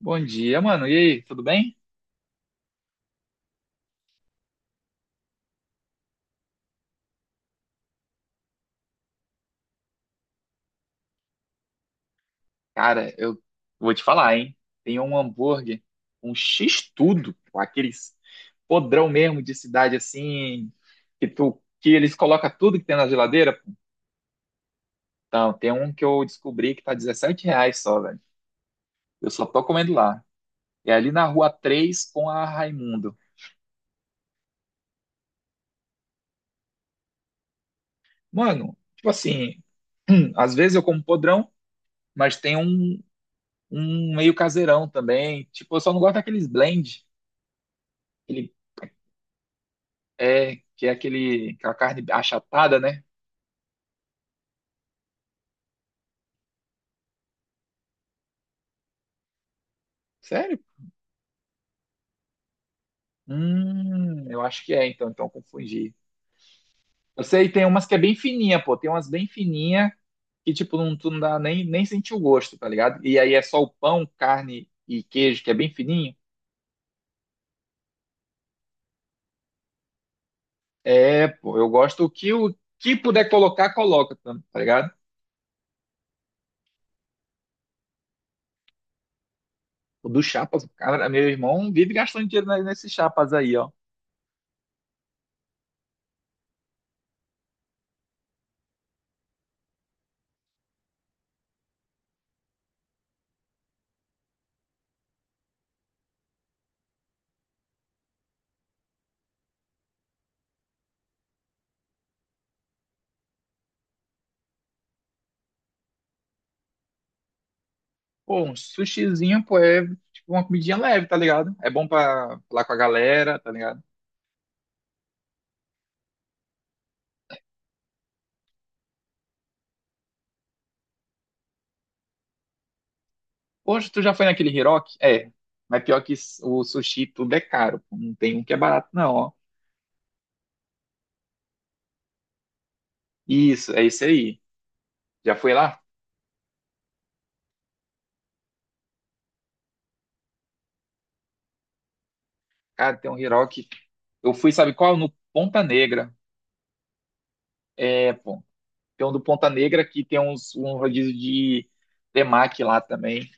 Bom dia, mano. E aí, tudo bem? Cara, eu vou te falar, hein? Tem um hambúrguer, um X-tudo, pô, aqueles podrão mesmo de cidade assim, que eles colocam tudo que tem na geladeira. Então, tem um que eu descobri que tá R$ reais só, velho. Eu só tô comendo lá. É ali na Rua 3 com a Raimundo. Mano, tipo assim, às vezes eu como podrão, mas tem um meio caseirão também. Tipo, eu só não gosto daqueles blend, aquele É, que é aquele, aquela carne achatada, né? Sério? Eu acho que é, então eu confundi. Eu sei, tem umas que é bem fininha, pô, tem umas bem fininha que, tipo, não, tu não dá nem sentir o gosto, tá ligado? E aí é só o pão, carne e queijo, que é bem fininho. É, pô, eu gosto o que puder colocar, coloca, tá ligado? O do Chapas, cara, meu irmão vive gastando dinheiro nesses chapas aí, ó. Pô, um sushizinho, pô, é tipo uma comidinha leve, tá ligado? É bom pra falar com a galera, tá ligado? Hoje tu já foi naquele Hiroki? É, mas pior que o sushi tudo é caro, pô. Não tem um que é barato, não, ó. Isso, é isso aí. Já foi lá? Cara, tem um Hiroki. Eu fui, sabe qual? No Ponta Negra. É, pô. Tem um do Ponta Negra que tem um rodízio de temaki lá também.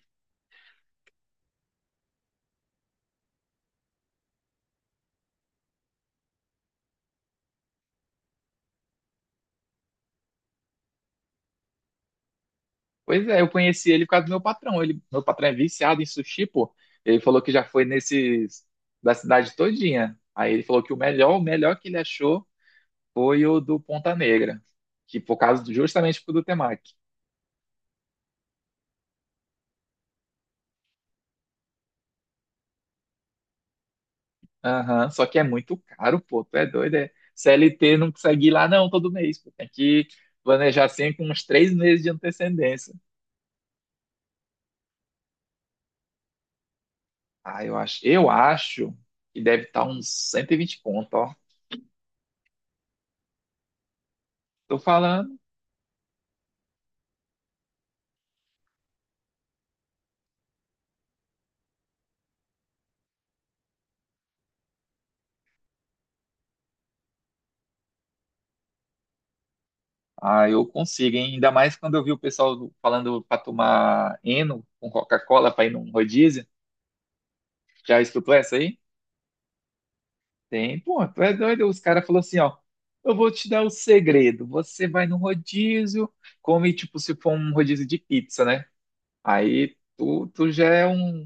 Pois é, eu conheci ele por causa do meu patrão. Ele, meu patrão é viciado em sushi, pô. Ele falou que já foi nesses da cidade todinha. Aí ele falou que o melhor que ele achou foi o do Ponta Negra, que por causa do, justamente por do Temac. Aham, só que é muito caro, pô, tu é doido, é. CLT não consegue ir lá não todo mês, pô, tem que planejar assim com uns 3 meses de antecedência. Ah, eu acho que deve estar uns 120 conto, ó. Tô falando, ah, eu consigo, hein? Ainda mais quando eu vi o pessoal falando pra tomar Eno com Coca-Cola pra ir num rodízio. Já escutou essa aí? Tem, pô, tu é doido? Os caras falaram assim, ó, eu vou te dar o segredo. Você vai no rodízio, come tipo se for um rodízio de pizza, né? Aí tu já é um,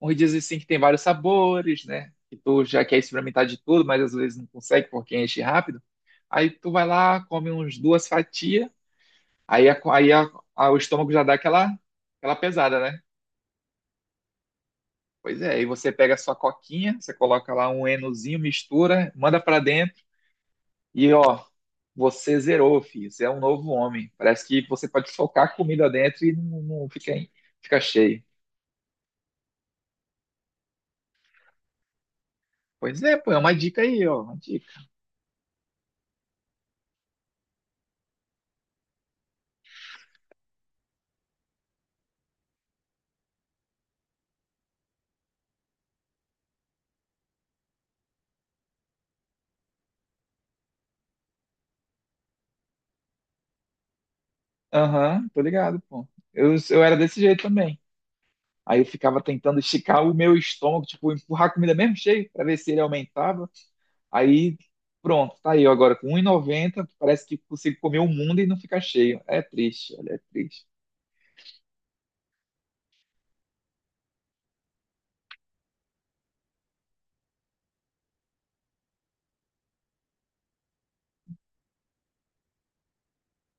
um rodízio assim que tem vários sabores, né? Que tu já quer experimentar de tudo, mas às vezes não consegue porque enche rápido. Aí tu vai lá, come uns duas fatias, aí o estômago já dá aquela pesada, né? Pois é, aí você pega a sua coquinha, você coloca lá um enozinho, mistura, manda pra dentro. E ó, você zerou, filho. Você é um novo homem. Parece que você pode socar comida dentro e não fica cheio. Pois é, pô, é uma dica aí, ó, uma dica. Aham, tô ligado, pô. Eu era desse jeito também. Aí eu ficava tentando esticar o meu estômago, tipo, empurrar a comida mesmo cheio, pra ver se ele aumentava. Aí, pronto, tá aí, ó, agora com 1,90, parece que consigo comer o mundo e não ficar cheio. É triste, olha, é triste.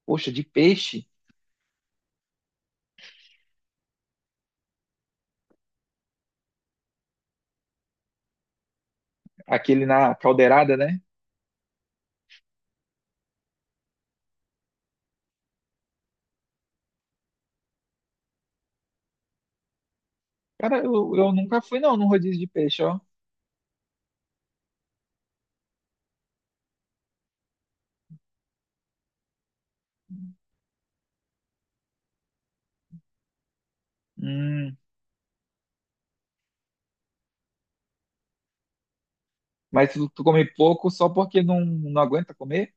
Poxa, de peixe, aquele na caldeirada, né? Cara, eu nunca fui não num rodízio de peixe, ó. Hum, mas tu come pouco só porque não aguenta comer?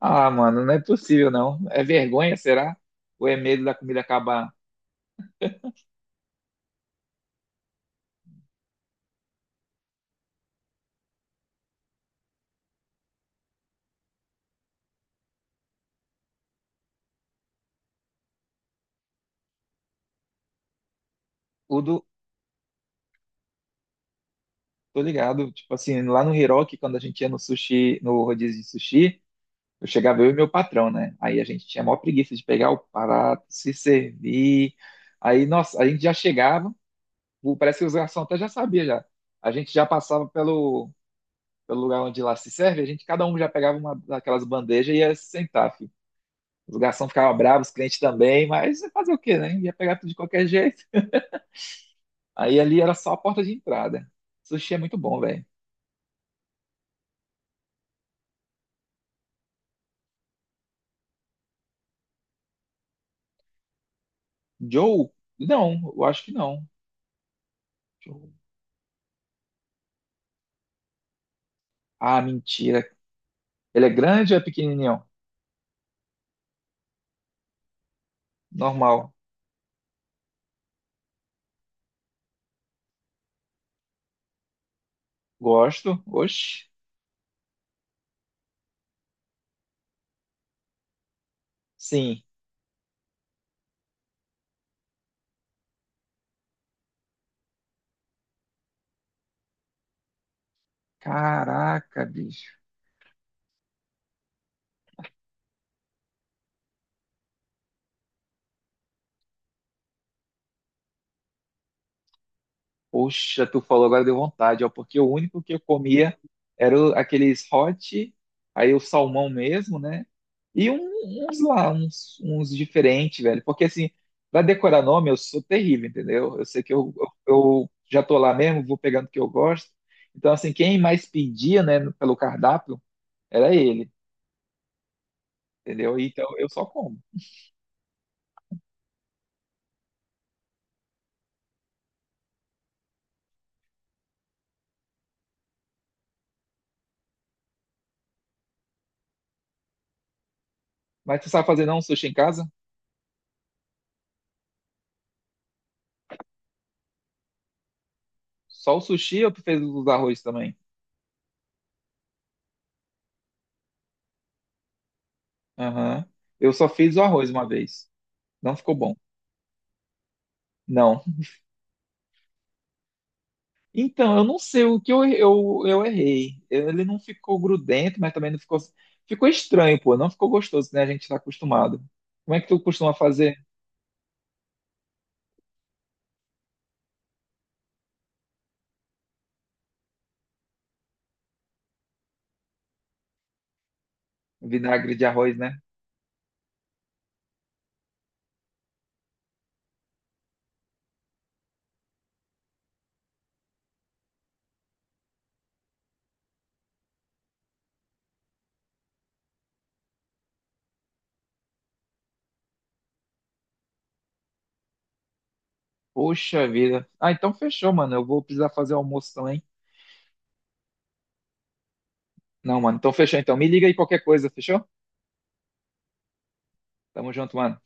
Ah, mano, não é possível não. É vergonha, será? Ou é medo da comida acabar? Tudo, tô ligado. Tipo assim, lá no Hiroki, quando a gente ia no sushi, no rodízio de sushi, eu chegava eu e meu patrão, né? Aí a gente tinha a maior preguiça de pegar o prato, se servir. Aí, nossa, a gente já chegava, parece que os garçons até já sabia já. A gente já passava pelo lugar onde lá se serve, a gente cada um já pegava uma daquelas bandejas e ia se sentar, filho. Os garçons ficavam bravos, os clientes também, mas fazer o quê, né? Ia pegar tudo de qualquer jeito. Aí ali era só a porta de entrada. Sushi é muito bom, velho. Joe? Não, eu acho que não. Joe. Ah, mentira. Ele é grande ou é pequenininho? Normal. Gosto. Oxe. Sim. Caraca, bicho. Poxa, tu falou agora deu vontade, ó, porque o único que eu comia era aqueles hot, aí o salmão mesmo, né? E uns lá, uns diferentes, velho. Porque assim, pra decorar nome, eu sou terrível, entendeu? Eu sei que eu já tô lá mesmo, vou pegando o que eu gosto. Então, assim, quem mais pedia, né, pelo cardápio, era ele, entendeu? Então, eu só como. Mas tu sabe fazer não sushi em casa? Só o sushi ou tu fez os arroz também? Aham. Eu só fiz o arroz uma vez. Não ficou bom. Não. Então, eu não sei o que eu errei. Ele não ficou grudento, mas também não ficou. Ficou estranho, pô. Não ficou gostoso, né? A gente tá acostumado. Como é que tu costuma fazer vinagre de arroz, né? Poxa vida. Ah, então fechou, mano. Eu vou precisar fazer o almoço também. Não, mano. Então fechou. Então me liga aí qualquer coisa, fechou? Tamo junto, mano.